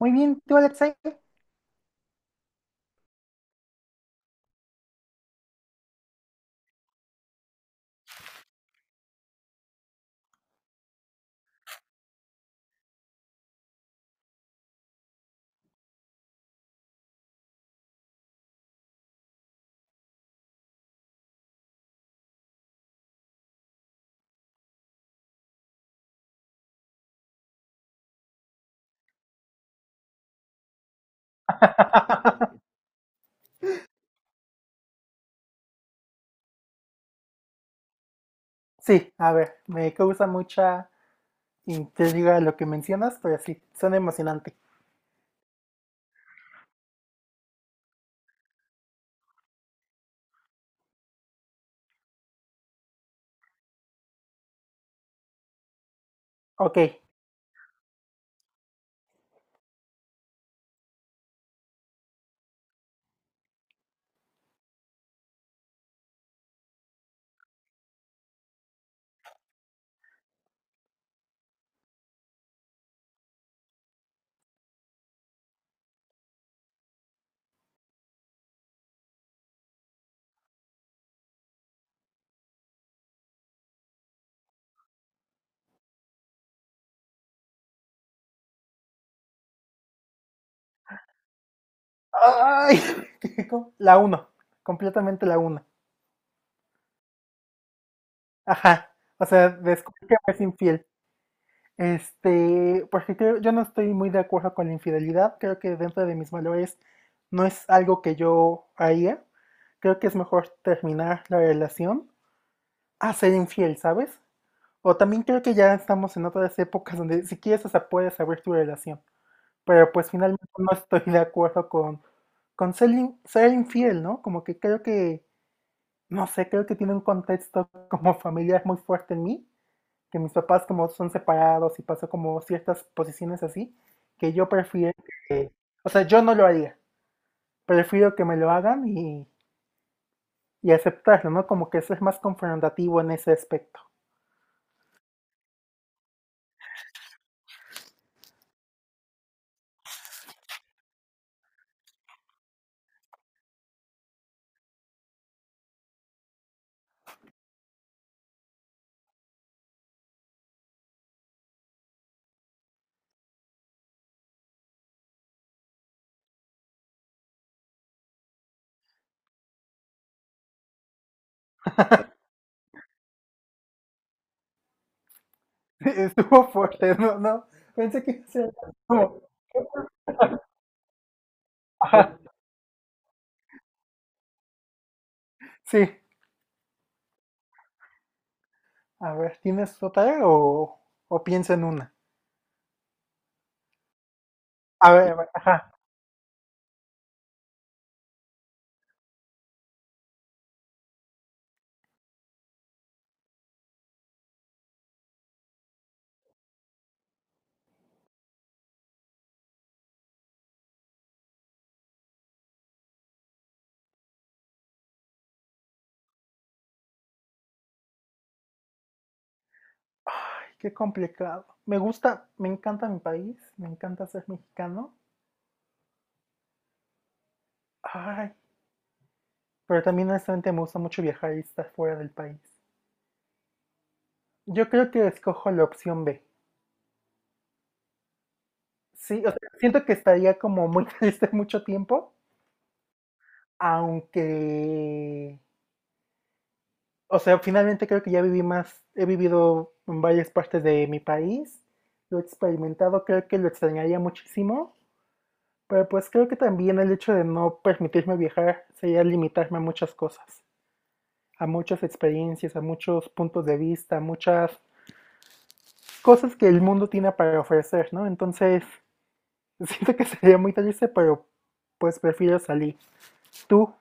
Muy bien, tú, Alexei. Sí, a ver, me causa mucha intriga lo que mencionas, pero sí, suena emocionante. Ok. Ay, la uno, completamente la 1. Ajá, o sea, descubrí que me es infiel. Porque creo, yo no estoy muy de acuerdo con la infidelidad, creo que dentro de mis valores no es algo que yo haría. Creo que es mejor terminar la relación a ser infiel, ¿sabes? O también creo que ya estamos en otras épocas donde si quieres hasta puedes abrir tu relación. Pero pues finalmente no estoy de acuerdo con ser, ser infiel, ¿no? Como que creo que, no sé, creo que tiene un contexto como familiar muy fuerte en mí, que mis papás como son separados y pasó como ciertas posiciones así, que yo prefiero que, o sea, yo no lo haría, prefiero que me lo hagan y aceptarlo, ¿no? Como que ser más confrontativo en ese aspecto. Estuvo fuerte, ¿no? No, pensé que iba a ser como. Ja, sí, a ver, ¿tienes o piensa en una? A ver, ajá. Ay, qué complicado. Me gusta, me encanta mi país, me encanta ser mexicano. Ay, pero también honestamente me gusta mucho viajar y estar fuera del país. Yo creo que escojo la opción B. Sí, o sea, siento que estaría como muy triste mucho tiempo, aunque, o sea, finalmente creo que ya viví más, he vivido en varias partes de mi país, lo he experimentado, creo que lo extrañaría muchísimo. Pero pues creo que también el hecho de no permitirme viajar sería limitarme a muchas cosas, a muchas experiencias, a muchos puntos de vista, a muchas cosas que el mundo tiene para ofrecer, ¿no? Entonces, siento que sería muy triste, pero pues prefiero salir. Tú,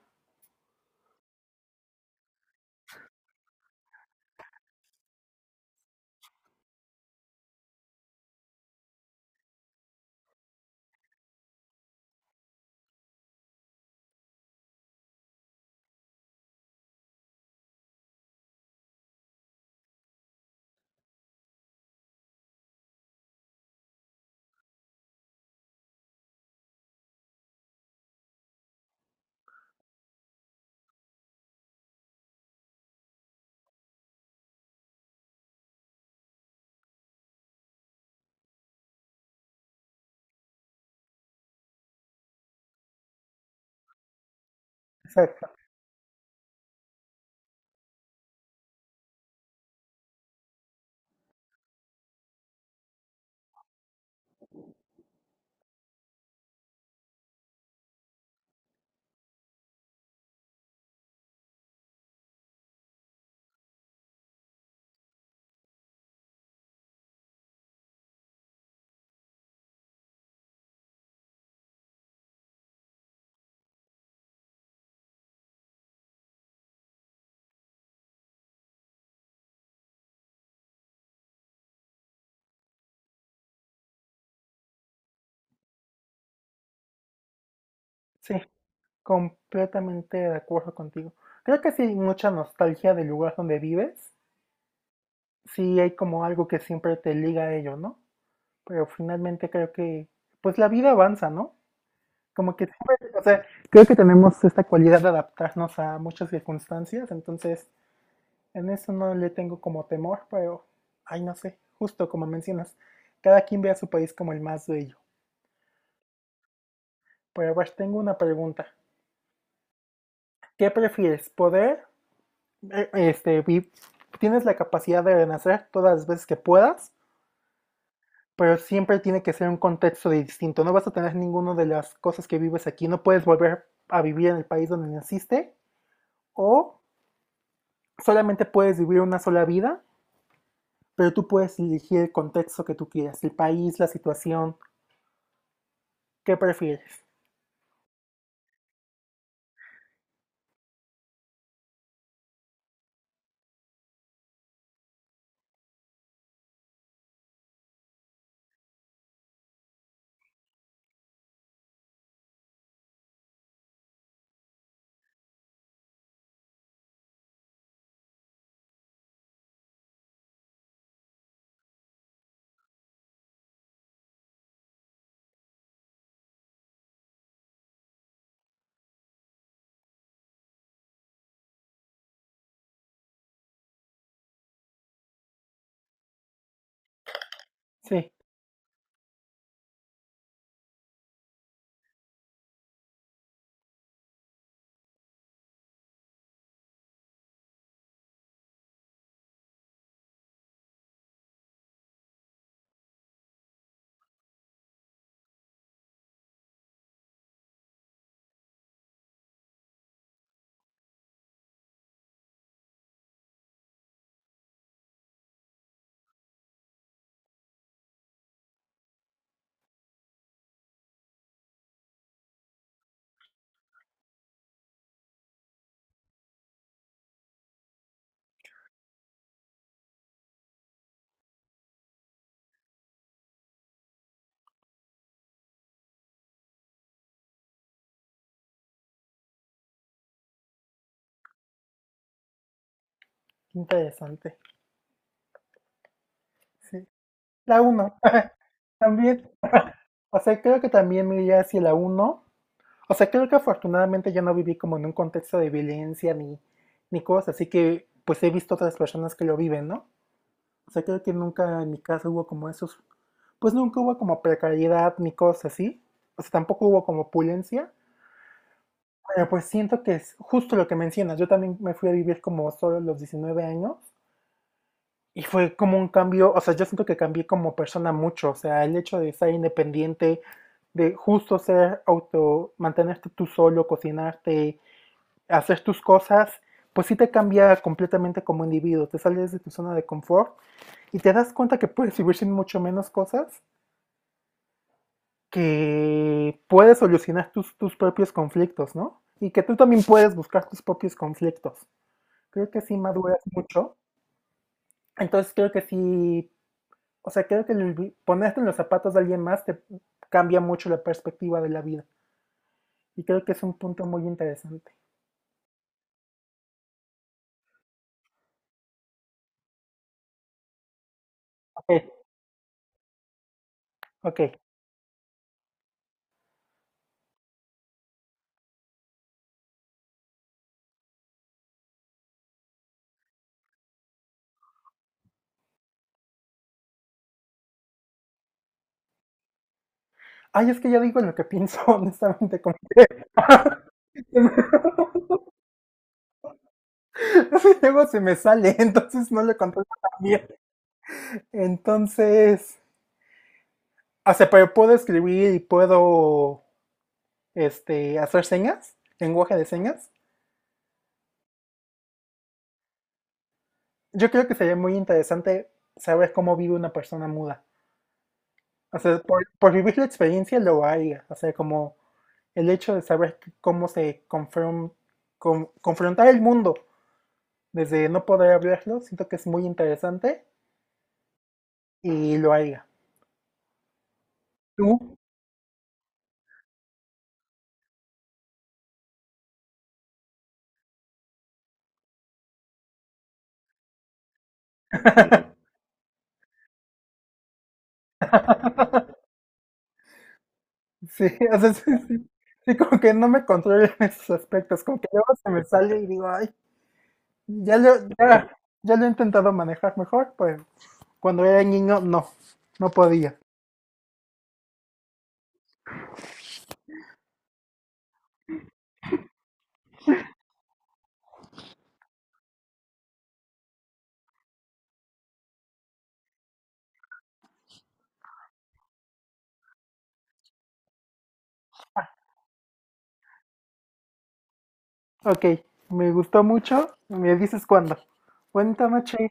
exacto, sí, completamente de acuerdo contigo. Creo que sí hay mucha nostalgia del lugar donde vives, sí hay como algo que siempre te liga a ello, ¿no? Pero finalmente creo que, pues la vida avanza, ¿no? Como que siempre, o sea, creo que tenemos esta cualidad de adaptarnos a muchas circunstancias, entonces en eso no le tengo como temor, pero, ay, no sé, justo como mencionas, cada quien ve a su país como el más bello. Pero a ver, tengo una pregunta. ¿Qué prefieres? ¿Poder, eh, este, vi- tienes la capacidad de renacer todas las veces que puedas, pero siempre tiene que ser un contexto de distinto. No vas a tener ninguna de las cosas que vives aquí, no puedes volver a vivir en el país donde naciste, o solamente puedes vivir una sola vida, pero tú puedes elegir el contexto que tú quieras, el país, la situación, ¿qué prefieres? Sí, interesante. Sí. La uno, también, o sea, creo que también me iría hacia la uno. O sea, creo que afortunadamente yo no viví como en un contexto de violencia, ni cosas, así que pues he visto otras personas que lo viven, ¿no? O sea, creo que nunca en mi casa hubo como esos, pues nunca hubo como precariedad ni cosas así. O sea, tampoco hubo como opulencia. Bueno, pues siento que es justo lo que mencionas. Yo también me fui a vivir como solo a los 19 años y fue como un cambio, o sea, yo siento que cambié como persona mucho, o sea, el hecho de ser independiente, de justo ser auto, mantenerte tú solo, cocinarte, hacer tus cosas, pues sí te cambia completamente como individuo, te sales de tu zona de confort y te das cuenta que puedes vivir sin mucho menos cosas, que puedes solucionar tus propios conflictos, ¿no? Y que tú también puedes buscar tus propios conflictos. Creo que sí maduras mucho. Entonces creo que sí, o sea, creo que ponerte en los zapatos de alguien más te cambia mucho la perspectiva de la vida. Y creo que es un punto muy interesante. Ok, ok. Ay, es que ya digo lo que pienso, honestamente, como que... es que luego se me sale, entonces no le controlo tan bien. Entonces, o sea, pero puedo escribir y puedo, hacer señas, lenguaje de señas. Yo creo que sería muy interesante saber cómo vive una persona muda. O sea, por vivir la experiencia lo haría. O sea, como el hecho de saber cómo se confrontar el mundo desde no poder hablarlo, siento que es muy interesante y lo haría. ¿Tú? Sí, o sea, sí. Sí, como que no me controlo en esos aspectos, como que luego se me sale y digo, ay, ya lo, ya, ya lo he intentado manejar mejor, pues cuando era niño no, no podía. Ok, me gustó mucho. Me dices cuándo. Buena noche.